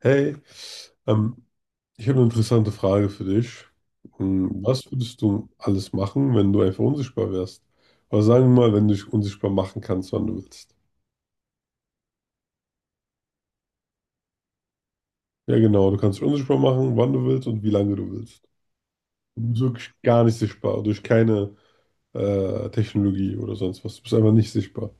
Hey, ähm, ich habe eine interessante Frage für dich. Hm, was würdest du alles machen, wenn du einfach unsichtbar wärst? Oder sagen wir mal, wenn du dich unsichtbar machen kannst, wann du willst. Ja, genau, du kannst dich unsichtbar machen, wann du willst und wie lange du willst. Du bist wirklich gar nicht sichtbar, durch keine Technologie oder sonst was. Du bist einfach nicht sichtbar.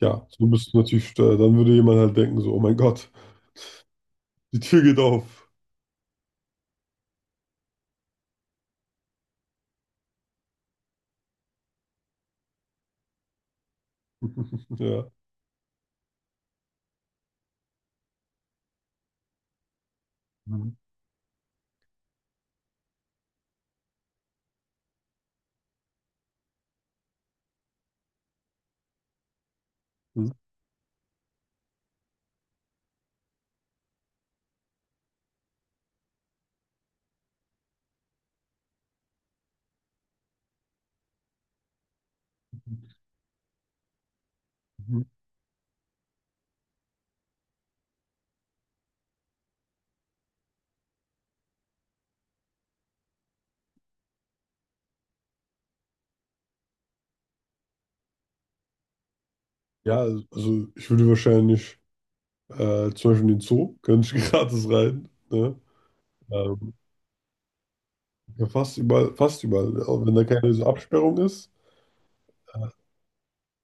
Ja, du bist natürlich, dann würde jemand halt denken, so, oh mein Gott, die Tür geht auf. Ja. Mhm. Mhm. Mhm. Ja, also ich würde wahrscheinlich zum Beispiel in den Zoo, können nicht gratis rein. Ne? Ähm, ja, fast überall, fast überall. Auch wenn da keine so Absperrung ist,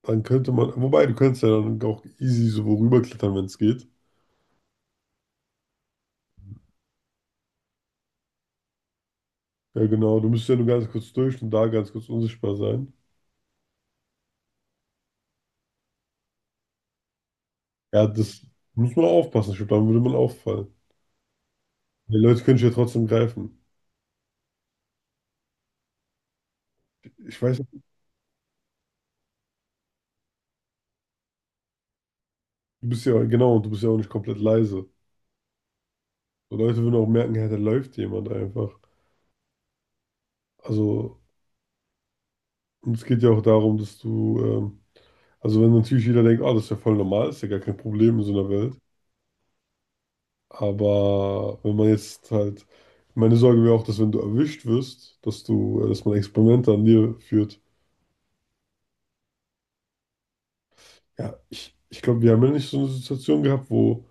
dann könnte man, wobei du könntest ja dann auch easy so worüber klettern, wenn es geht. Ja, genau, du müsstest ja nur ganz kurz durch und da ganz kurz unsichtbar sein. Ja, das muss man aufpassen, ich glaube, dann würde man auffallen. Die Leute können dich ja trotzdem greifen. Ich weiß nicht, du bist ja, genau, und du bist ja auch nicht komplett leise. So Leute würden auch merken, hey, da läuft jemand einfach. Also, und es geht ja auch darum, dass du, also wenn natürlich jeder denkt, ah, das ist ja voll normal, ist ja gar kein Problem in so einer Welt. Aber wenn man jetzt halt, meine Sorge wäre auch, dass wenn du erwischt wirst, dass du, dass man Experimente an dir führt. Ja, ich glaube, wir haben ja nicht so eine Situation gehabt, wo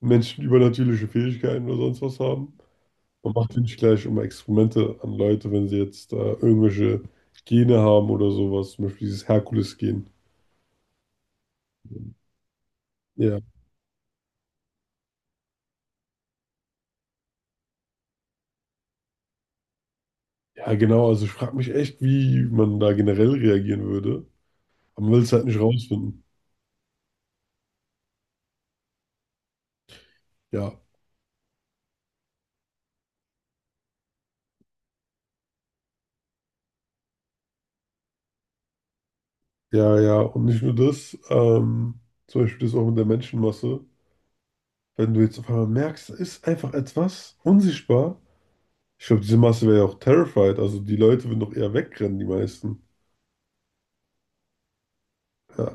Menschen übernatürliche Fähigkeiten oder sonst was haben. Man macht ja nicht gleich immer Experimente an Leute, wenn sie jetzt irgendwelche Gene haben oder sowas, zum Beispiel dieses Herkules-Gen. Ja. Ja, genau, also ich frage mich echt, wie man da generell reagieren würde. Aber man will es halt nicht rausfinden. Ja, ja, ja. Und nicht nur das, zum Beispiel das auch mit der Menschenmasse. Wenn du jetzt auf einmal merkst, da ist einfach etwas unsichtbar. Ich glaube, diese Masse wäre ja auch terrified. Also die Leute würden doch eher wegrennen, die meisten. Ja.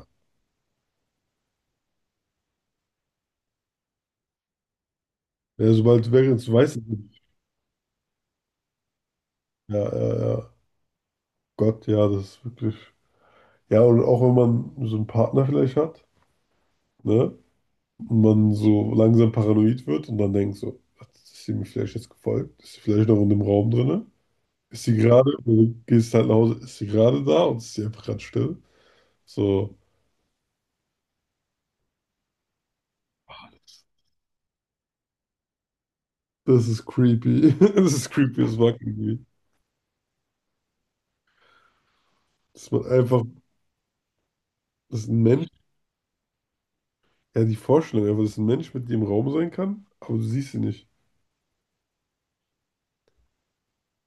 Ja, sobald du wegrennst, du weißt es nicht. Ja, ja, ja. Gott, ja, das ist wirklich. Ja, und auch wenn man so einen Partner vielleicht hat, ne? Und man so langsam paranoid wird und dann denkt so, hat sie mir vielleicht jetzt gefolgt? Ist sie vielleicht noch in dem Raum drin? Ist sie gerade, du gehst halt nach Hause, ist sie gerade da und ist sie einfach gerade still? So, ah, das, das ist creepy. Das ist creepy, das mag ich nicht. Dass man einfach, dass ein Mensch, ja, die Vorstellung einfach, dass ein Mensch mit dir im Raum sein kann, aber du siehst sie nicht.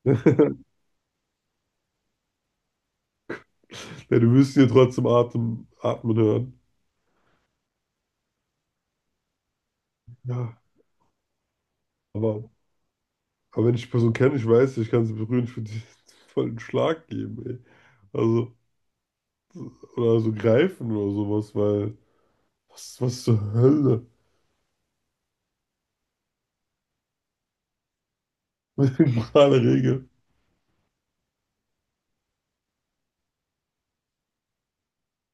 Ja, du wirst sie ja trotzdem atmen hören. Ja, aber, aber wenn ich die Person kenne, ich weiß, ich kann sie berühren, ich würde dir voll einen Schlag geben, ey. Also, oder so greifen oder sowas, weil, was zur Hölle? Mit dem Regel.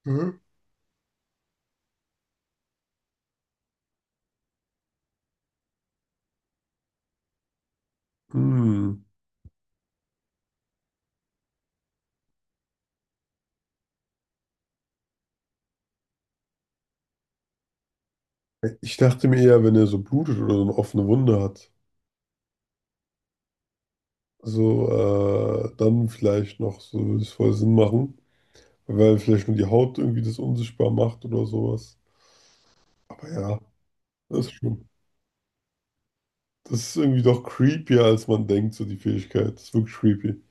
Hä? Hm. Ich dachte mir eher, wenn er so blutet oder so eine offene Wunde hat, so dann vielleicht noch, so würde es voll Sinn machen, weil vielleicht nur die Haut irgendwie das unsichtbar macht oder sowas. Aber ja, das ist schon, das ist irgendwie doch creepier, als man denkt, so die Fähigkeit. Das ist wirklich creepy.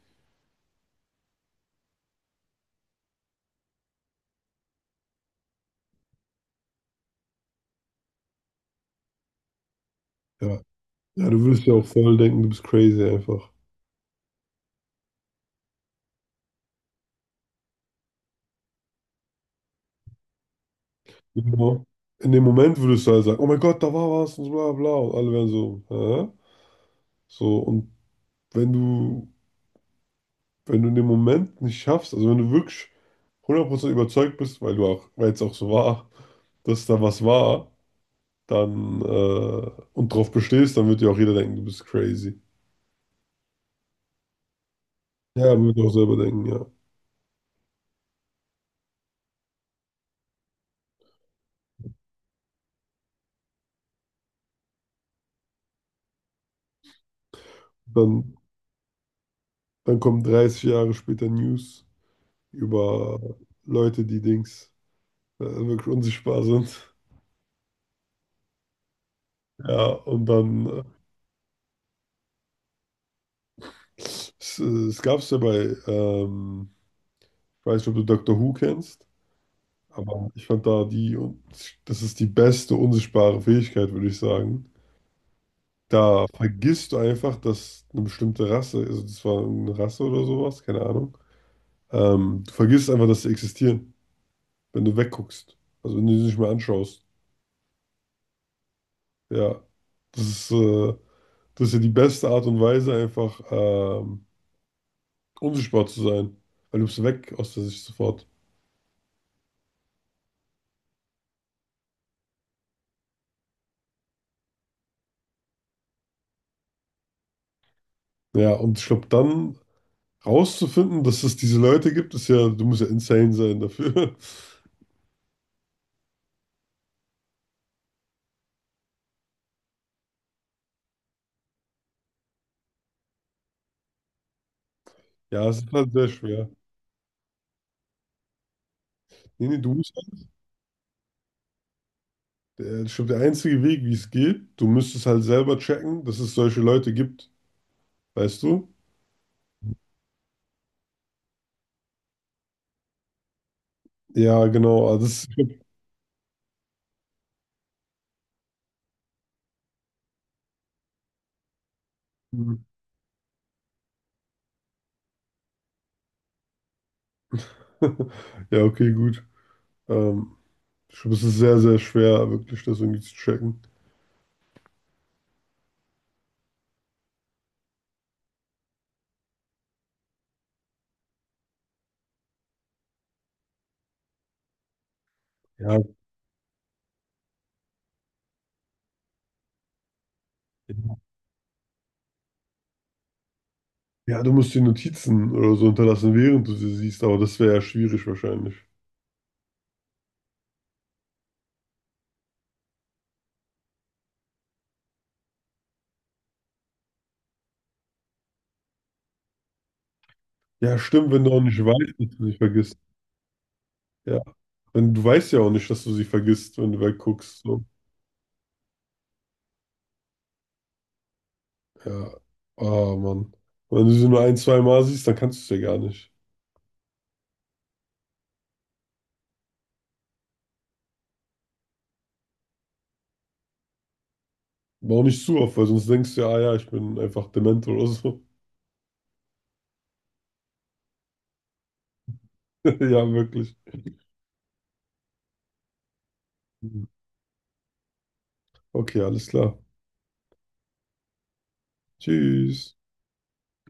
Ja, ja, du würdest ja auch voll denken, du bist crazy einfach. Genau. In dem Moment würdest du halt sagen, oh mein Gott, da war was und so bla bla. Und alle wären so, hä? So, und wenn du, wenn du in dem Moment nicht schaffst, also wenn du wirklich 100% überzeugt bist, weil du auch, weil es auch so war, dass da was war, dann und drauf bestehst, dann wird dir auch jeder denken, du bist crazy. Ja, man wird auch selber denken, ja. Dann, dann kommen 30 Jahre später News über Leute, die Dings wirklich unsichtbar sind. Ja, und dann es gab es ja bei, ich weiß nicht, ob du Doctor Who kennst, aber ich fand da die, das ist die beste unsichtbare Fähigkeit, würde ich sagen. Da vergisst du einfach, dass eine bestimmte Rasse, also das war eine Rasse oder sowas, keine Ahnung. Du vergisst einfach, dass sie existieren, wenn du wegguckst. Also wenn du sie nicht mehr anschaust. Ja, das ist, äh, das ist ja die beste Art und Weise, einfach unsichtbar zu sein. Weil du bist weg aus der Sicht sofort. Ja, und ich glaube, dann rauszufinden, dass es diese Leute gibt, ist ja, du musst ja insane sein dafür. Ja, es ist halt sehr schwer. Nee, nee, du musst ich glaube, der einzige Weg, wie es geht, du müsstest halt selber checken, dass es solche Leute gibt, weißt du? Ja, genau. Also das, ja, okay, gut. Ähm, ich glaube, es ist sehr, sehr schwer, wirklich das irgendwie zu checken. Ja, ja, du musst die Notizen oder so hinterlassen, während du sie siehst, aber das wäre ja schwierig wahrscheinlich. Ja, stimmt, wenn du auch nicht weißt, dass du sie vergisst. Ja, wenn du weißt ja auch nicht, dass du sie vergisst, wenn du wegguckst. So. Ja, ah, Mann. Und wenn du sie nur ein, zwei Mal siehst, dann kannst du es ja gar nicht. Aber auch nicht zu oft, weil sonst denkst du ja, ah ja, ich bin einfach dement oder so. Ja, wirklich. Mhm. Okay, alles klar. Tschüss.